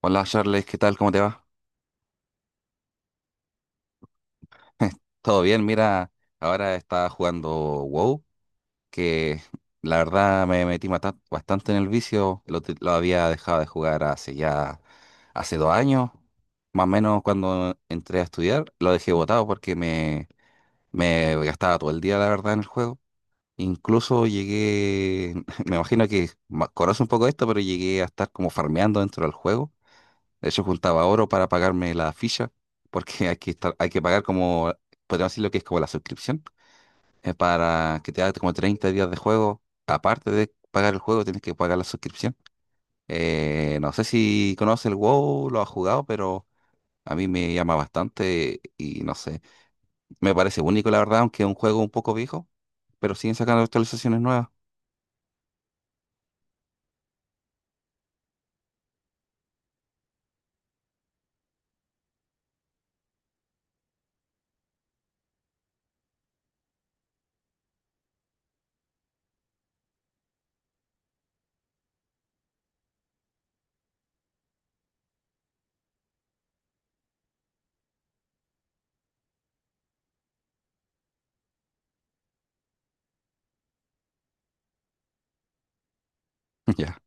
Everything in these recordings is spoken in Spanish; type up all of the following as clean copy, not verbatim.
Hola Charles, ¿qué tal? ¿Cómo te va? ¿Todo bien? Mira, ahora estaba jugando WoW, que la verdad me metí bastante en el vicio, lo había dejado de jugar hace ya, hace 2 años, más o menos cuando entré a estudiar, lo dejé botado porque me gastaba todo el día, la verdad, en el juego. Incluso llegué, me imagino que conoce un poco esto, pero llegué a estar como farmeando dentro del juego. De hecho, juntaba oro para pagarme la ficha, porque hay que estar, hay que pagar como, podríamos decir lo que es como la suscripción, para que te haga como 30 días de juego. Aparte de pagar el juego, tienes que pagar la suscripción. No sé si conoce el WoW, lo ha jugado, pero a mí me llama bastante y no sé. Me parece único, la verdad, aunque es un juego un poco viejo, pero siguen sacando actualizaciones nuevas. Ya,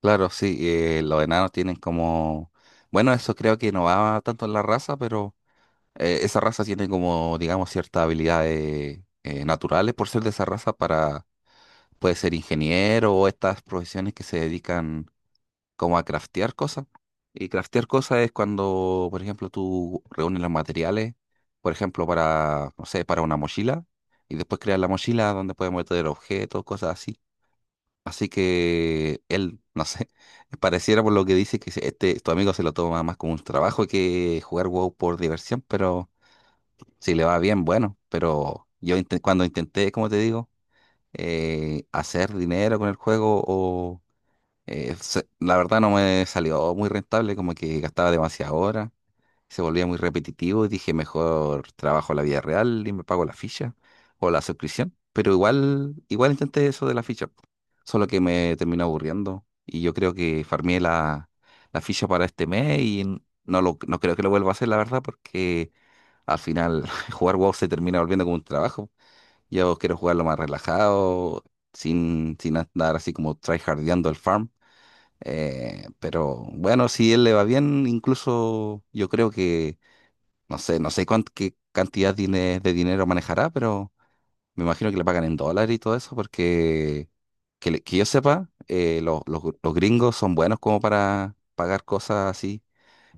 claro, sí, los enanos tienen como. Bueno, eso creo que no va tanto en la raza, pero esa raza tiene como, digamos, ciertas habilidades naturales por ser de esa raza para, puede ser ingeniero o estas profesiones que se dedican como a craftear cosas. Y craftear cosas es cuando, por ejemplo, tú reúnes los materiales, por ejemplo, para, no sé, para una mochila, y después creas la mochila donde puedes meter objetos, cosas así. Así que él, no sé, pareciera por lo que dice que este, tu amigo se lo toma más como un trabajo que jugar WoW por diversión, pero si le va bien, bueno, pero yo cuando intenté, como te digo, hacer dinero con el juego, o, la verdad no me salió muy rentable, como que gastaba demasiada hora, se volvía muy repetitivo y dije, mejor trabajo la vida real y me pago la ficha o la suscripción, pero igual intenté eso de la ficha, po, solo que me terminó aburriendo y yo creo que farmeé la ficha para este mes y no, no creo que lo vuelva a hacer, la verdad, porque al final, jugar WoW se termina volviendo como un trabajo. Yo quiero jugarlo más relajado, sin andar así como tryhardeando el farm. Pero bueno, si él le va bien, incluso yo creo que, no sé, no sé qué cantidad de dinero manejará, pero me imagino que le pagan en dólares y todo eso, porque que, que yo sepa, los gringos son buenos como para pagar cosas así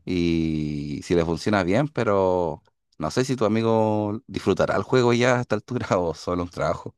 y si le funciona bien, pero no sé si tu amigo disfrutará el juego ya a esta altura o solo un trabajo.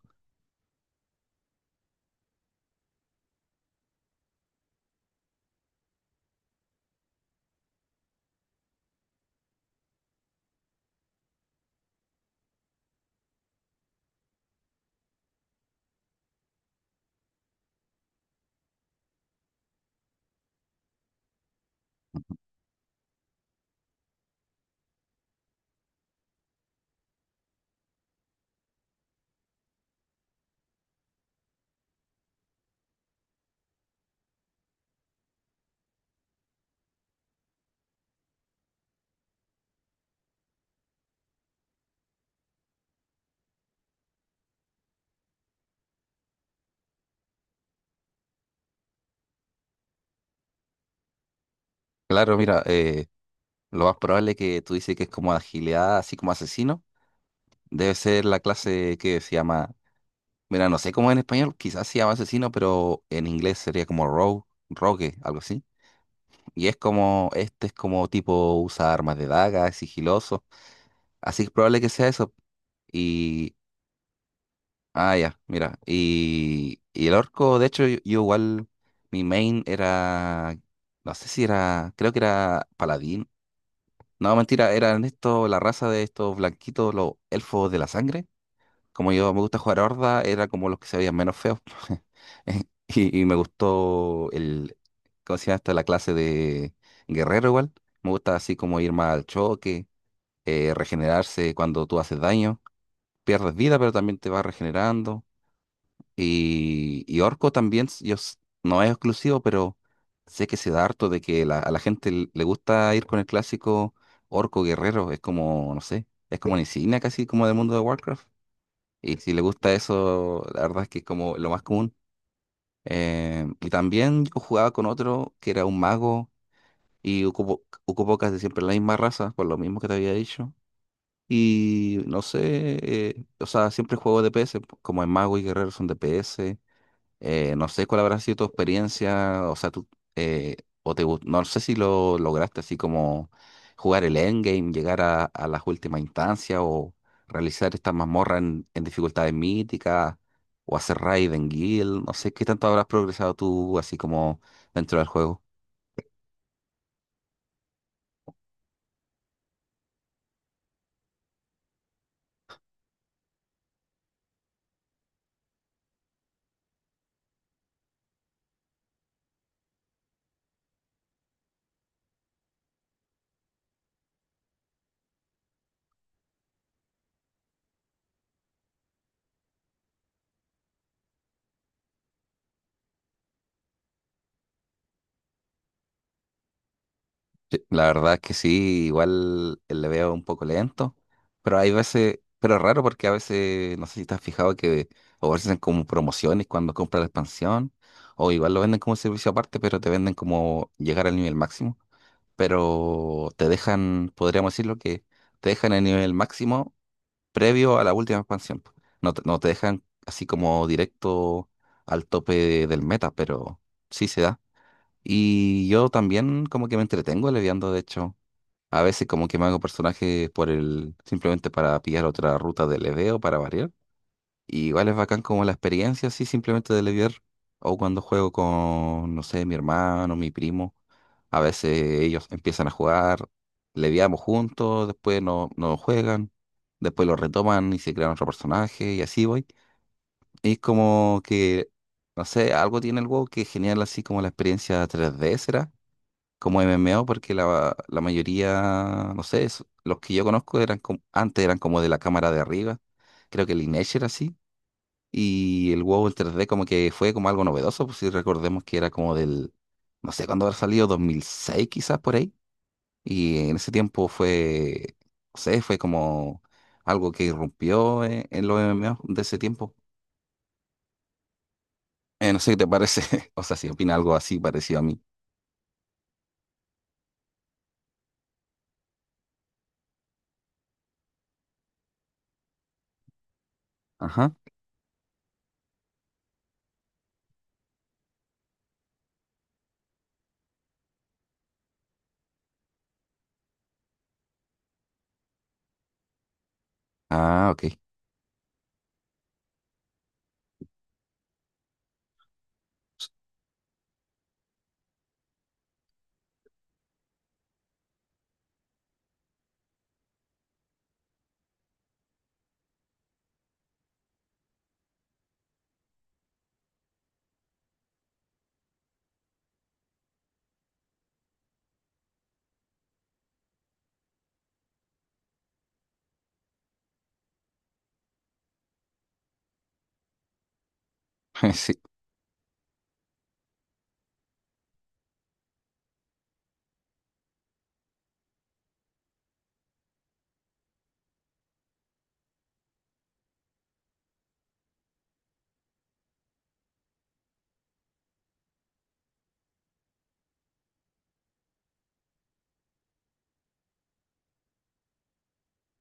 Claro, mira, lo más probable que tú dices que es como agilidad, así como asesino, debe ser la clase que se llama, mira, no sé cómo en español, quizás se llama asesino, pero en inglés sería como rogue, algo así. Y es como, este es como tipo usa armas de daga, es sigiloso, así que es probable que sea eso. Y Ah, ya, mira. Y el orco, de hecho, yo igual, mi main era, no sé si era, creo que era paladín. No, mentira, eran estos, la raza de estos blanquitos, los elfos de la sangre. Como yo me gusta jugar horda, era como los que se veían menos feos. Y me gustó el, ¿cómo se llama esta? La clase de guerrero igual. Me gusta así como ir más al choque, regenerarse cuando tú haces daño. Pierdes vida, pero también te vas regenerando. Y Orco también, no es exclusivo, pero sé que se da harto de que a la gente le gusta ir con el clásico Orco Guerrero. Es como, no sé, es como una insignia casi como del mundo de Warcraft. Y si le gusta eso, la verdad es que es como lo más común. Y también yo jugaba con otro que era un mago y ocupó casi siempre la misma raza, por lo mismo que te había dicho. Y no sé, o sea, siempre juego DPS, como el mago y guerrero son DPS. No sé cuál habrá sido tu experiencia, o sea, tú, eh, o no sé si lo lograste así como jugar el endgame, llegar a las últimas instancias o realizar estas mazmorras en dificultades míticas o hacer raid en guild, no sé qué tanto habrás progresado tú así como dentro del juego. Sí, la verdad es que sí, igual le veo un poco lento, pero hay veces, pero es raro porque a veces, no sé si te has fijado que ofrecen como promociones cuando compras la expansión, o igual lo venden como servicio aparte, pero te venden como llegar al nivel máximo, pero te dejan, podríamos decirlo que te dejan el nivel máximo previo a la última expansión. No te dejan así como directo al tope del meta, pero sí se da. Y yo también como que me entretengo leviando, de hecho. A veces como que me hago personajes por el, simplemente para pillar otra ruta de leveo, para variar. Y igual es bacán como la experiencia así simplemente de levear. O cuando juego con, no sé, mi hermano, mi primo. A veces ellos empiezan a jugar, leviamos juntos, después no juegan, después lo retoman y se crean otro personaje y así voy. Y es como que, no sé, algo tiene el WoW que es genial así como la experiencia 3D será como MMO porque la mayoría, no sé, los que yo conozco eran como, antes eran como de la cámara de arriba, creo que el Lineage era así, y el WoW en 3D como que fue como algo novedoso, pues si recordemos que era como del, no sé cuándo habrá salido, 2006 quizás por ahí, y en ese tiempo fue, no sé, fue como algo que irrumpió en los MMO de ese tiempo. No sé qué te parece, o sea, si opina algo así parecido a mí. Ajá. Ah, ok. Sí,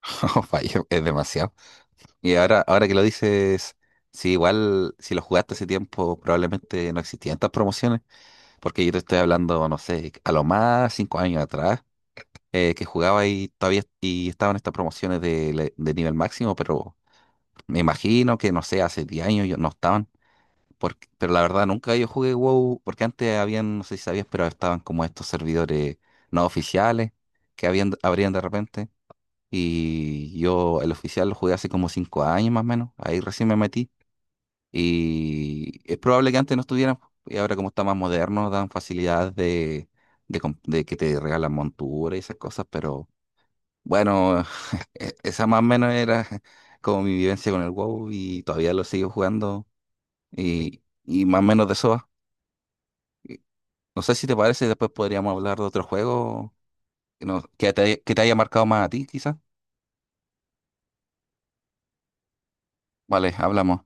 fallo, es demasiado. Y ahora que lo dices, sí, igual si lo jugaste hace tiempo, probablemente no existían tantas promociones, porque yo te estoy hablando, no sé, a lo más 5 años atrás, que jugaba y todavía y estaban estas promociones de, de nivel máximo, pero me imagino que, no sé, hace 10 años no estaban, porque, pero la verdad nunca yo jugué WoW, porque antes habían, no sé si sabías, pero estaban como estos servidores no oficiales que habían, abrían de repente. Y yo el oficial lo jugué hace como 5 años más o menos. Ahí recién me metí y es probable que antes no estuvieran, po, y ahora como está más moderno, dan facilidades de, de que te regalan montura y esas cosas, pero bueno, esa más o menos era como mi vivencia con el WoW y todavía lo sigo jugando y más o menos de eso va. Y no sé si te parece, después podríamos hablar de otro juego que que te haya marcado más a ti, quizás. Vale, hablamos.